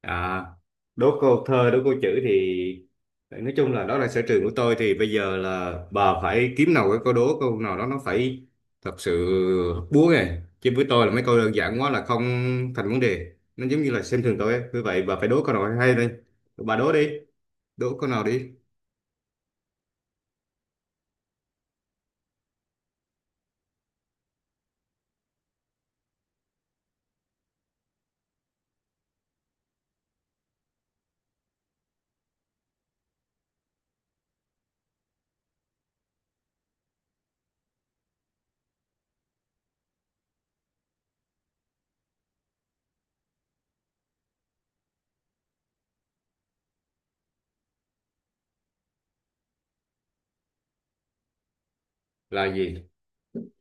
À, đố câu thơ, đố câu chữ thì nói chung là đó là sở trường của tôi, thì bây giờ là bà phải kiếm nào cái câu đố câu nào đó nó phải thật sự búa này, chứ với tôi là mấy câu đơn giản quá là không thành vấn đề, nó giống như là xem thường tôi ấy. Vì vậy bà phải đố câu nào hay đây, bà đố đi, đố câu nào đi là gì.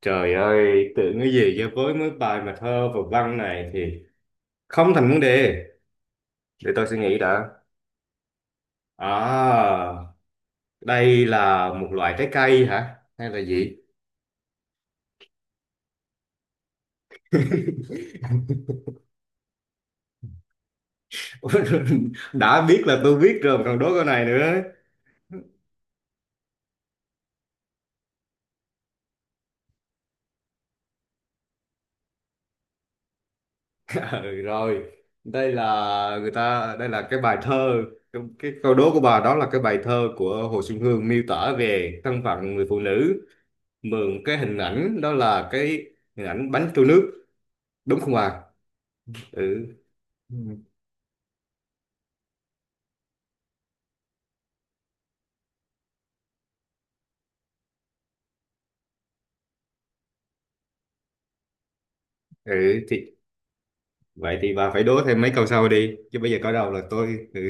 Trời ơi, tưởng cái gì chứ với mấy bài mà thơ và văn này thì không thành vấn đề, để tôi suy nghĩ đã. à Đây là một loại trái cây hả? Hay là gì? Đã biết là tôi biết rồi mà còn đố câu này nữa. Ừ, rồi. Đây là người ta, đây là cái bài thơ, cái câu đố của bà đó là cái bài thơ của Hồ Xuân Hương miêu tả về thân phận người phụ nữ, mượn cái hình ảnh đó là cái hình ảnh bánh trôi nước, đúng không bà? Ừ. Ừ thì vậy thì bà phải đố thêm mấy câu sau đi chứ, bây giờ có đầu là tôi ừ.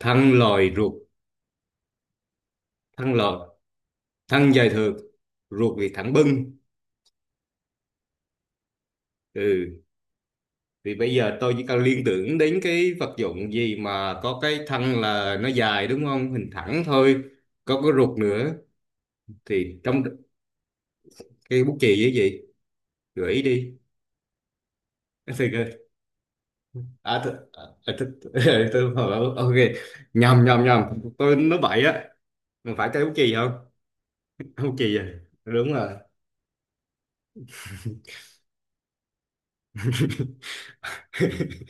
Thăng lòi ruột, thăng lòi, thân dài thượt, ruột thì thẳng bưng, ừ thì bây giờ tôi chỉ cần liên tưởng đến cái vật dụng gì mà có cái thân là nó dài, đúng không, hình thẳng thôi, có cái ruột nữa, thì trong cái bút chì với gì, gợi ý đi. Thì tôi bảo, ok, nhầm nhầm nhầm, tôi nói bậy á, mình phải cây bút chì không, bút chì à, đúng rồi.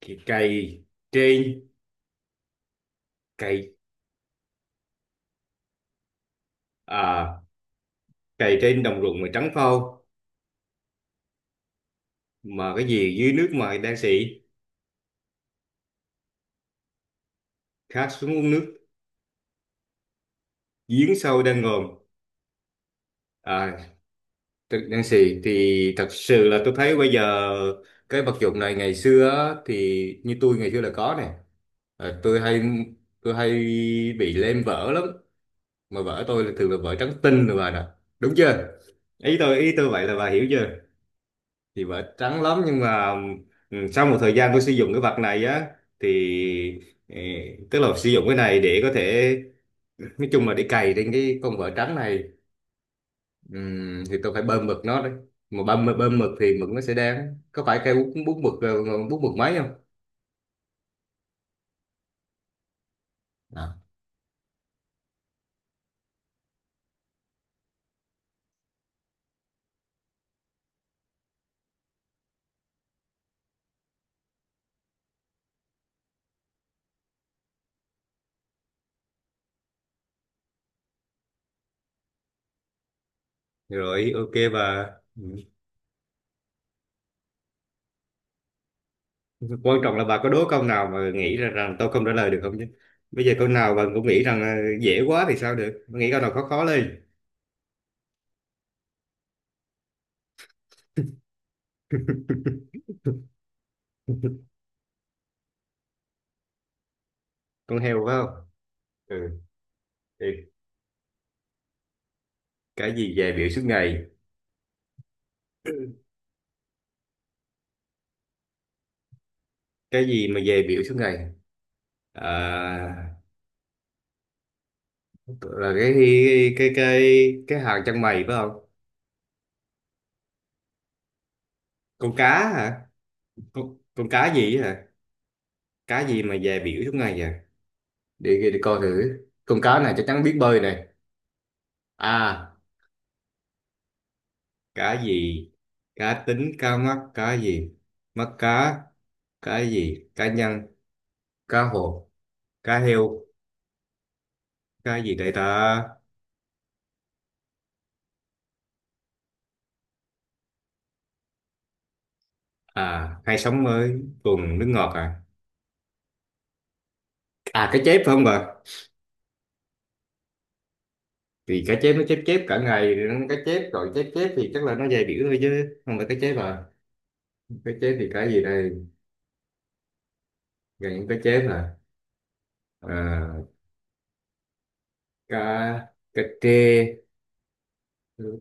Thì cây trên, cây, à, cây trên đồng ruộng mà trắng phau, mà cái gì dưới nước mà đang xị, khát xuống uống nước giếng sâu đang ngòm. À, đang xị thì thật sự là tôi thấy bây giờ cái vật dụng này ngày xưa á, thì như tôi ngày xưa là có nè, à, tôi hay bị lem vỡ lắm, mà vỡ tôi là thường là vỡ trắng tinh rồi bà nè, đúng chưa, ý tôi vậy là bà hiểu chưa. Thì vỡ trắng lắm nhưng mà sau một thời gian tôi sử dụng cái vật này á thì ừ, tức là sử dụng cái này để có thể, nói chung là để cày trên cái con vợ trắng này, thì tôi phải bơm mực nó đấy, mà bơm bơm mực thì mực nó sẽ đen, có phải cây bút bút mực, bút mực máy không. À. Rồi, ok bà. Ừ, quan trọng là bà có đố câu nào mà nghĩ ra rằng tôi không trả lời được không chứ, bây giờ câu nào bà cũng nghĩ rằng dễ quá thì sao được. Bà nghĩ câu nào khó khó lên. Con heo phải không. Ừ. Thì cái gì về biểu suốt ngày, cái gì mà về biểu suốt ngày. À, là cái hàng chân mày phải không. Con cá hả, con cá gì á hả, cá gì mà về biểu suốt ngày vậy, để coi thử, con cá này chắc chắn biết bơi này. À, cá gì, cá tính, cá mắc, cá gì, mắc cá, cá gì, cá nhân, cá hồ, cá heo, cá gì đây ta. À hay sống mới vùng nước ngọt à, à cá chép phải không bà, thì cá chép nó chép chép cả ngày rồi nó cá chép rồi chép chép thì chắc là nó dày biểu thôi chứ không phải cá chép à, cá chép thì cá gì đây, gần những cá chép à, à, Cà, cà trê. Ừ,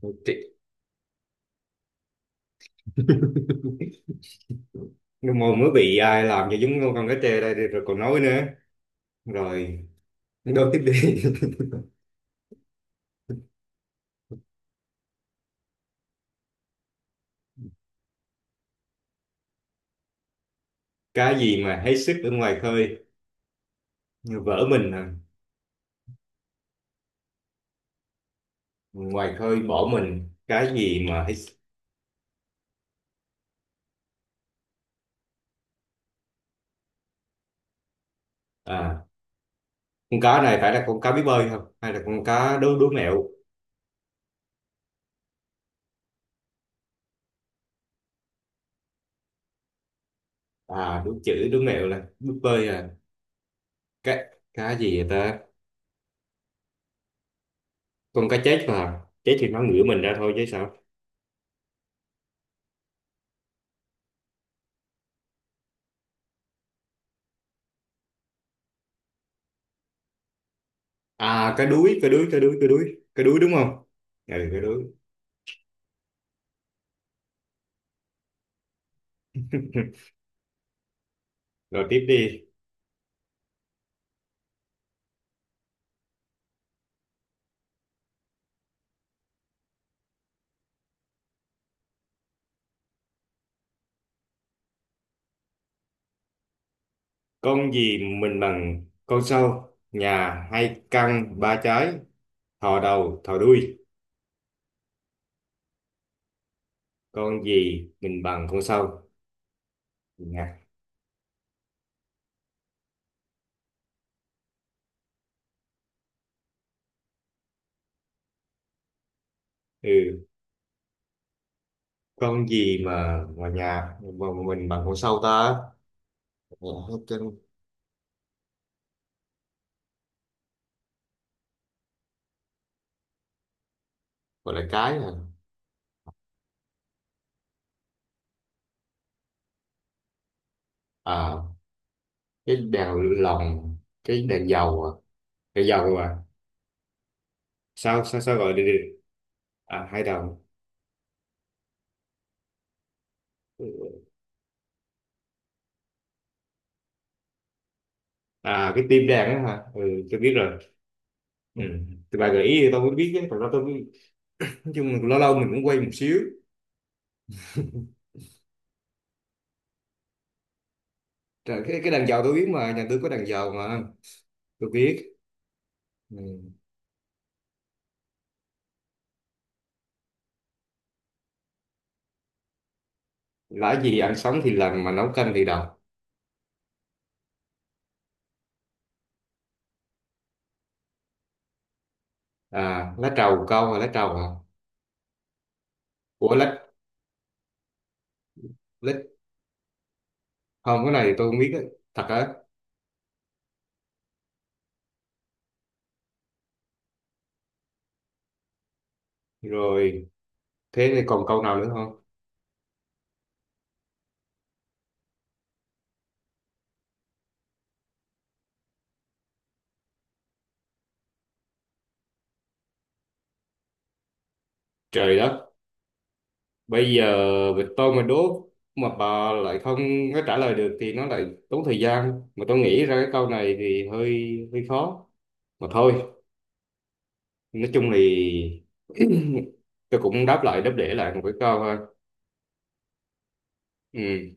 cà trê. Nhưng mà mới bị ai làm cho giống con cá trê đây rồi còn nói nữa, rồi đâu tiếp đi. Cá gì mà hết sức ở ngoài khơi, như vỡ mình à, ngoài khơi bỏ mình, cá gì mà hết sức. À, con cá này phải là con cá biết bơi không hay là con cá đố đố mẹo, à đúng chữ đố mẹo là biết bơi à, cá, cá gì vậy ta, con cá chết mà chết thì nó ngửa mình ra thôi chứ sao. À, cá đuối cá đuối cá đuối cá đuối cá đuối đúng không, ừ cá đuối. Rồi tiếp đi. Con gì mình bằng con sâu, nhà hai căn ba trái, thò đầu thò đuôi. Con gì mình bằng con sâu? Nhà. Ừ. Con gì mà nhà mà mình bằng con sâu ta? Ờ, hết trên gọi là cái à. À, cái đèn lồng, cái đèn dầu à, đèn dầu à. Sao sao sao gọi đi đi. À hai đầu. Ừ. À cái tim đèn á hả? Ừ, tôi biết rồi. Ừ. Thì bà gợi ý thì tôi mới biết chứ, còn đó tôi nói chung là lâu lâu mình cũng quay một xíu. Trời, cái đàn dầu tôi biết, mà nhà tôi có đàn dầu mà, tôi biết. Ừ. Lã gì ăn sống thì làm mà nấu canh thì đồng, à lá trầu câu, là lá trầu à, ủa lá, lá, không cái này thì tôi không biết á, thật á. Rồi, thế thì còn câu nào nữa không. Trời đất, bây giờ vịt tôi mà đố mà bà lại không có trả lời được thì nó lại tốn thời gian, mà tôi nghĩ ra cái câu này thì hơi hơi khó, mà thôi, nói chung thì tôi cũng đáp lại đáp để lại một cái câu ha. Ừ.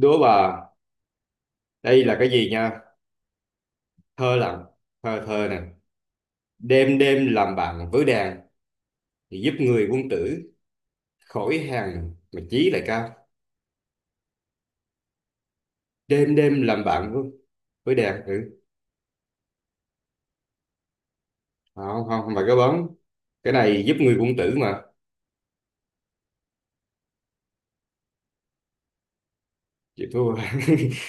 Đố bà, đây là cái gì nha? Thơ lặng, thơ thơ nè. Đêm đêm làm bạn với đàn, thì giúp người quân tử khỏi hàng mà chí lại cao. Đêm đêm làm bạn với đàn, ừ. Không, không phải cái bóng. Cái này giúp người quân tử mà. Chị thua.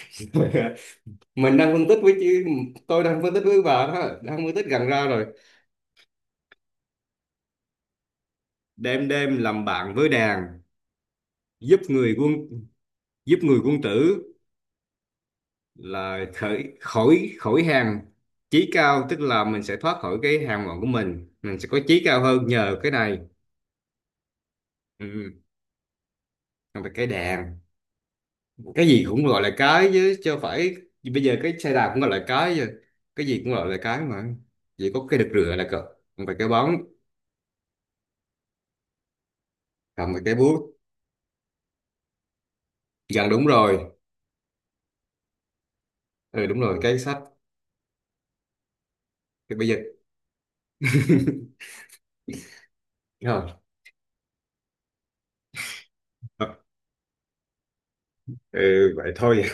Mình đang phân tích với chứ, tôi đang phân tích với bà đó, đang phân tích gần ra rồi. Đêm đêm làm bạn với đàn, giúp người quân giúp người quân tử là khởi khỏi khỏi hàng chí cao, tức là mình sẽ thoát khỏi cái hàng ngọn của mình sẽ có chí cao hơn nhờ cái này. Ừ. Còn về cái đàn, cái gì cũng gọi là cái chứ chứ không phải bây giờ cái xe đạp cũng gọi là cái rồi, cái gì cũng gọi là cái mà, chỉ có cái đực rửa là cờ, còn về cái bóng, còn về cái bút, gần đúng rồi, ừ đúng rồi cái sách. Thì bây giờ rồi, ừ, vậy thôi.